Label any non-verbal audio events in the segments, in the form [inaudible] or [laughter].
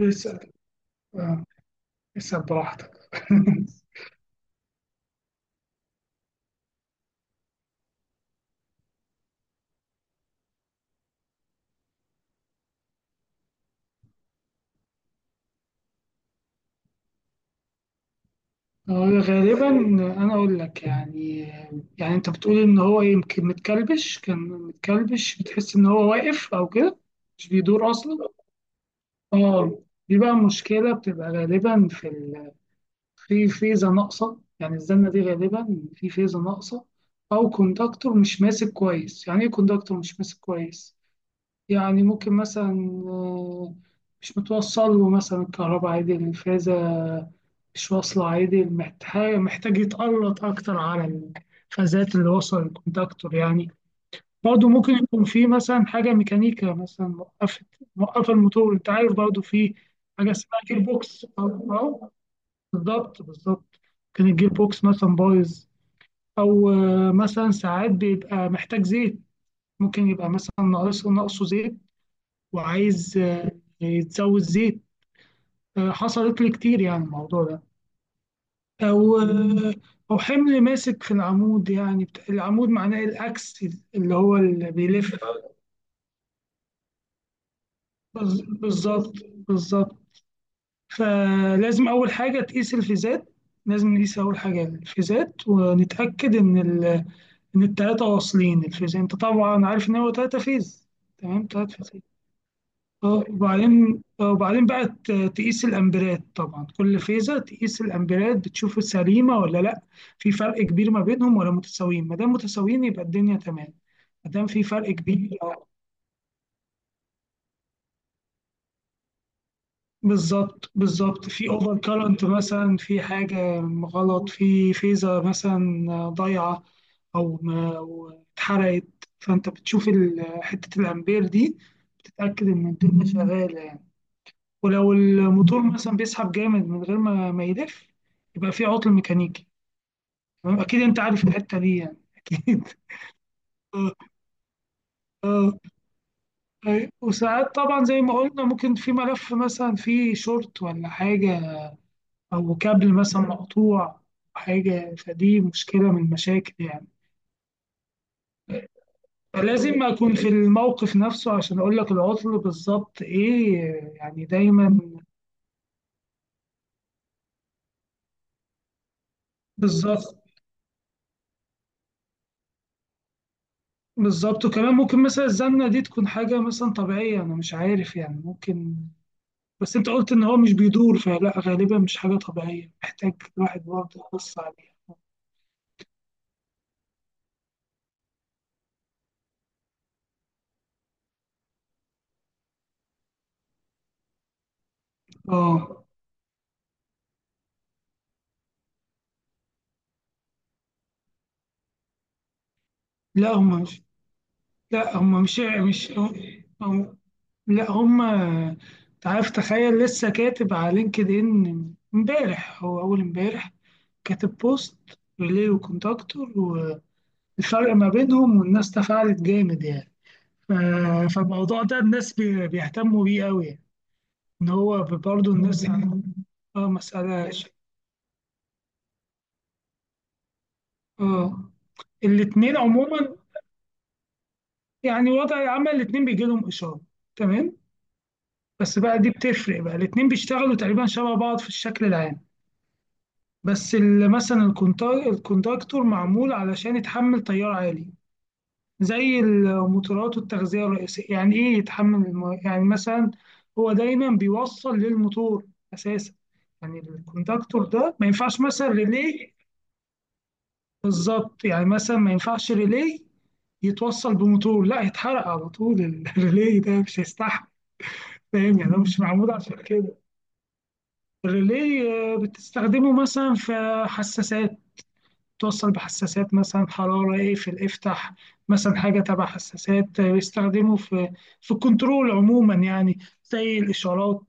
اسأل، آه، اسأل براحتك. [laughs] هو غالبا، أنا أقول لك يعني، أنت بتقول إن هو يمكن متكلبش، كان متكلبش بتحس إن هو واقف أو كده، مش بيدور أصلا. اه، دي بقى مشكلة بتبقى غالبا في ال... في فيزا ناقصة، يعني الزنة دي غالبا في فيزا ناقصة، أو كوندكتور مش ماسك كويس. يعني إيه كوندكتور مش ماسك كويس؟ يعني ممكن مثلا مش متوصل له مثلا الكهرباء عادي، الفازة مش واصلة عادي، محتاج يتقلط أكتر على الفازات اللي وصل الكونتاكتور يعني. برضه ممكن يكون في مثلا حاجة ميكانيكا مثلا موقفة، موقفة الموتور. أنت عارف برضه في حاجة اسمها جير بوكس، أو أو- بالظبط بالظبط. كان الجير بوكس مثلا بايظ، أو مثلا ساعات بيبقى محتاج زيت، ممكن يبقى مثلا ناقصه زيت، وعايز يتزود زيت. حصلت لي كتير يعني الموضوع ده. أو حمل ماسك في العمود، يعني العمود معناه الأكس اللي هو اللي بيلف. بالظبط بالظبط. فلازم أول حاجة تقيس الفيزات، لازم نقيس أول حاجة الفيزات ونتأكد إن ال... إن التلاتة واصلين الفيز. أنت طبعا عارف إن هو تلاتة فيز، تمام، تلات فيز. اه، وبعدين وبعدين بقى تقيس الامبيرات، طبعا كل فيزة تقيس الامبيرات بتشوف سليمة ولا لا. في فرق كبير ما بينهم ولا متساويين؟ ما دام متساويين يبقى الدنيا تمام، ما دام في فرق كبير بالظبط بالظبط. في اوفر كارنت، مثلا في حاجة غلط في فيزة مثلا ضايعة او ما أو اتحرقت، فانت بتشوف حتة الامبير دي، بتتأكد ان الدنيا شغالة. ولو الموتور مثلا بيسحب جامد من غير ما يلف، يبقى في عطل ميكانيكي. تمام، اكيد انت عارف الحته دي يعني، اكيد. [laughs] اه، اه، أيوة. وساعات طبعا زي ما قلنا ممكن في ملف مثلا فيه شورت ولا حاجه، او كابل مثلا مقطوع، حاجه، فدي مشكله من المشاكل يعني. فلازم اكون في الموقف نفسه عشان اقول لك العطل بالظبط ايه، يعني دايما بالظبط بالظبط. وكمان ممكن مثلا الزمنة دي تكون حاجة مثلا طبيعية، أنا مش عارف يعني، ممكن، بس أنت قلت إن هو مش بيدور، فلا غالبا مش حاجة طبيعية، محتاج الواحد برضه يبص عليها. آه، لا هما مش لا هما مش هم- لا هما، أنت عارف، تخيل لسه كاتب على لينكد إن إمبارح، هو أول إمبارح كاتب بوست ريلي وكونتاكتور والفرق ما بينهم، والناس تفاعلت جامد يعني. فالموضوع ده الناس بيهتموا بيه قوي يعني. ان هو برضه الناس عندهم- اه، مسألة. اه، الاتنين عموما، يعني وضع العمل الاتنين بيجي لهم إشارة، تمام، بس بقى دي بتفرق، بقى الاتنين بيشتغلوا تقريبا شبه بعض في الشكل العام، بس مثلا الكونتاكتور معمول علشان يتحمل تيار عالي، زي المطورات والتغذية الرئيسية. يعني إيه يتحمل الم... يعني مثلا هو دايما بيوصل للموتور أساسا. يعني الكوندكتور ده ما ينفعش مثلا ريلي، بالظبط، يعني مثلا ما ينفعش ريلي يتوصل بموتور لا يتحرق على طول [laughs] الريلي ده مش هيستحمل. فاهم؟ يعني هو مش معمول عشان كده. الريلي بتستخدمه مثلا في حساسات، توصل بحساسات مثلا حرارة اقفل افتح، مثلا حاجة تبع حساسات بيستخدموا في الكنترول عموما يعني، زي الإشارات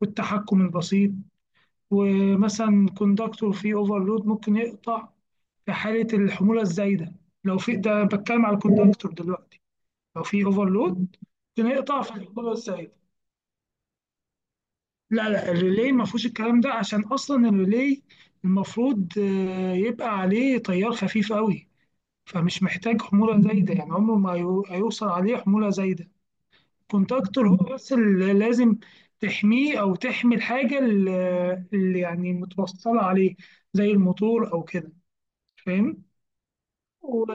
والتحكم البسيط. ومثلا كوندكتور فيه اوفرلود ممكن يقطع في حالة الحمولة الزايدة، لو في، ده بتكلم على الكوندكتور دلوقتي، لو في اوفرلود ممكن يقطع في الحمولة الزايدة. لا الريلي ما فيهوش الكلام ده، عشان اصلا الريلي المفروض يبقى عليه تيار خفيف قوي، فمش محتاج حمولة زايدة يعني، عمره ما هيوصل عليه حمولة زايدة. كونتاكتور هو بس اللي لازم تحميه، أو تحمي الحاجة اللي يعني متوصلة عليه، زي الموتور أو كده. فاهم؟ و...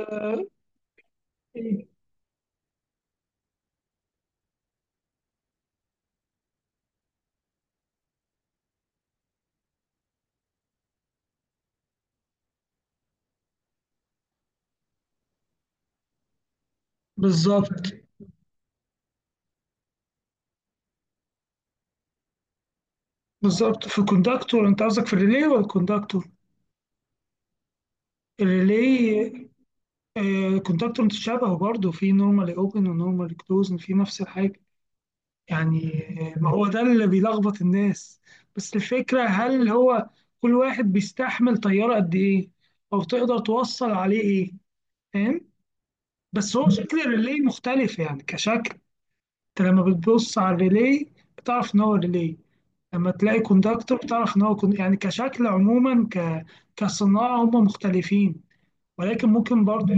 بالظبط بالظبط. في الكونتاكتور، أنت قصدك في الريلي ولا الكونتاكتور؟ الريلي، كونتاكتور متشابه برضه في نورمالي اوبن ونورمالي كلوز، في نفس الحاجة يعني. ما هو ده اللي بيلخبط الناس، بس الفكرة هل هو كل واحد بيستحمل طيارة قد إيه؟ أو تقدر توصل عليه إيه؟ فاهم؟ بس هو شكل الريلي مختلف يعني كشكل، أنت لما بتبص على الريلي بتعرف إن هو ريلي، لما تلاقي كوندكتور بتعرف إن هو كون... يعني كشكل عموما، ك... كصناعة هم مختلفين، ولكن ممكن برضه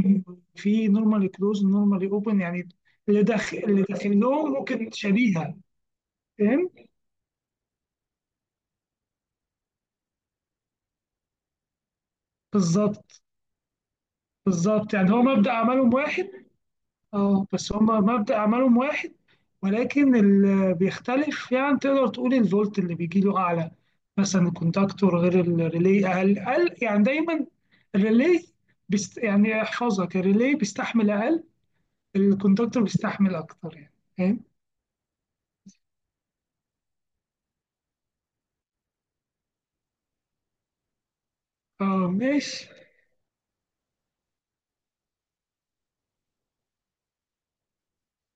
في نورمالي كلوز نورمالي أوبن يعني، اللي داخل لهم ممكن شبيهة. فاهم؟ بالظبط. بالضبط، يعني هو مبدأ أعمالهم واحد، بس هم مبدأ أعمالهم واحد، ولكن ال بيختلف، يعني تقدر تقول الفولت اللي بيجي له أعلى، مثلًا الكونتاكتور غير الريلي أقل، أقل يعني دايمًا. الريلي بيست، يعني احفظها، الريلي بيستحمل أقل، الكونتاكتور بيستحمل أكتر يعني. فاهم؟ آه ماشي.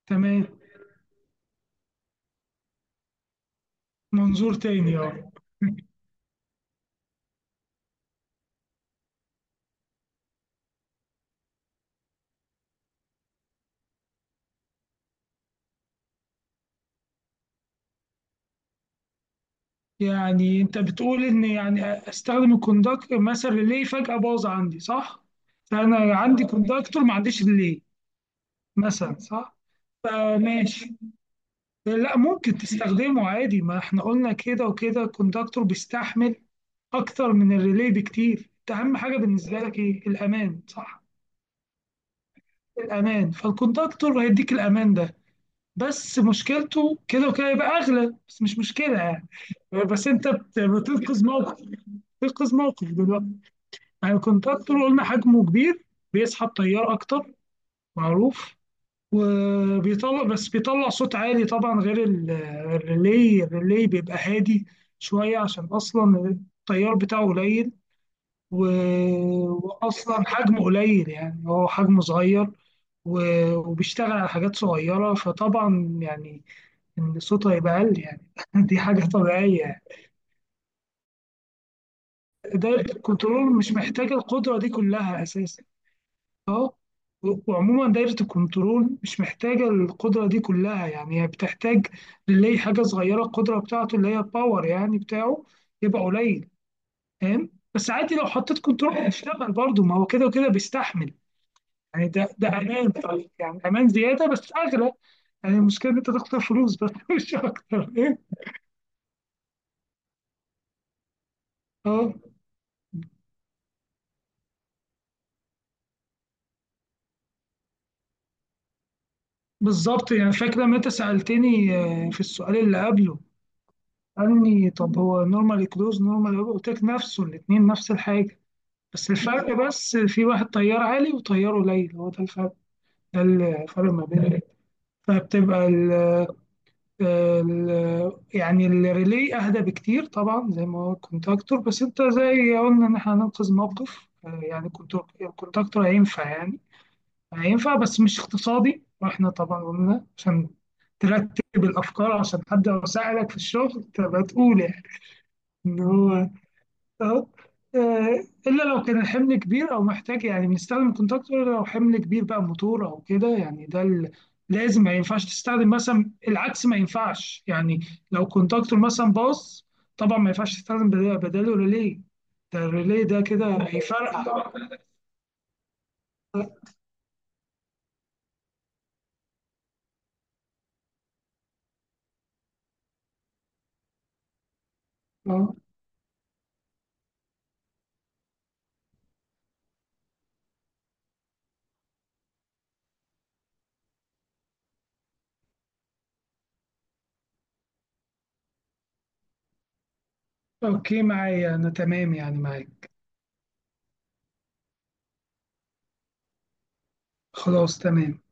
تمام. منظور تاني، آه. [laughs] يعني انت بتقول ان، يعني استخدم الكوندكتور مثلا، ريلي فجأة باظ عندي صح؟ فانا عندي كوندكتور ما عنديش ريلي مثلا صح؟ فماشي، لا ممكن تستخدمه عادي، ما احنا قلنا كده وكده الكوندكتور بيستحمل اكتر من الريلي بكتير. انت اهم حاجة بالنسبة لك ايه؟ الامان صح؟ الامان، فالكوندكتور هيديك الامان ده، بس مشكلته كده وكده يبقى اغلى، بس مش مشكلة يعني، بس انت بتنقذ موقف، تنقذ موقف دلوقتي. يعني الكونتاكتور قلنا حجمه كبير، بيسحب تيار أكتر، معروف، وبيطلع، بس بيطلع صوت عالي طبعا، غير الريلي. الريلي بيبقى هادي شوية، عشان أصلا التيار بتاعه قليل، و... وأصلا حجمه قليل يعني، هو حجمه صغير، و... وبيشتغل على حاجات صغيرة، فطبعا يعني إن صوته هيبقى أقل يعني، [laughs] دي حاجة طبيعية يعني. ده الكنترول مش محتاج القدرة دي كلها أساسا. اه، وعموما دايرة الكنترول مش محتاجة القدرة دي كلها، يعني هي بتحتاج للي حاجة صغيرة، القدرة بتاعته اللي هي الباور يعني بتاعه يبقى قليل. فاهم؟ بس عادي لو حطيت كنترول هيشتغل برضه، ما هو كده وكده بيستحمل. يعني ده أمان، طيب يعني أمان زيادة بس أغلى، يعني المشكلة إن أنت تخسر فلوس بس، [laughs] مش أكتر ايه. اه بالظبط. يعني فاكر لما أنت سألتني في السؤال اللي قبله، قال لي طب هو نورمال كلوز نورمال، قلت لك نفسه، الاتنين نفس الحاجة، بس الفرق بس في واحد طيار عالي وطيار قليل، هو ده الفرق، ده الفرق ما بين. فبتبقى ال، ال يعني الريلي اهدى بكتير طبعا زي ما هو الكونتاكتور، بس انت زي قلنا ان احنا هننقذ موقف، يعني كنت- الكونتاكتور هينفع يعني، هينفع بس مش اقتصادي. واحنا طبعا قلنا عشان ترتب الافكار، عشان حد يساعدك في الشغل تبقى تقول يعني ان هو، اهو، الا لو كان الحمل كبير او محتاج، يعني بنستخدم كونتاكتور لو حمل كبير بقى، موتور او كده يعني، ده لازم، ما ينفعش تستخدم مثلا العكس ما ينفعش يعني. لو كونتاكتور مثلا باظ، طبعا ما ينفعش تستخدم بداله ريلي، ده الريلي ده كده هيفرقع. [laughs] اه اوكي معايا، انا تمام يعني معاك. خلاص تمام.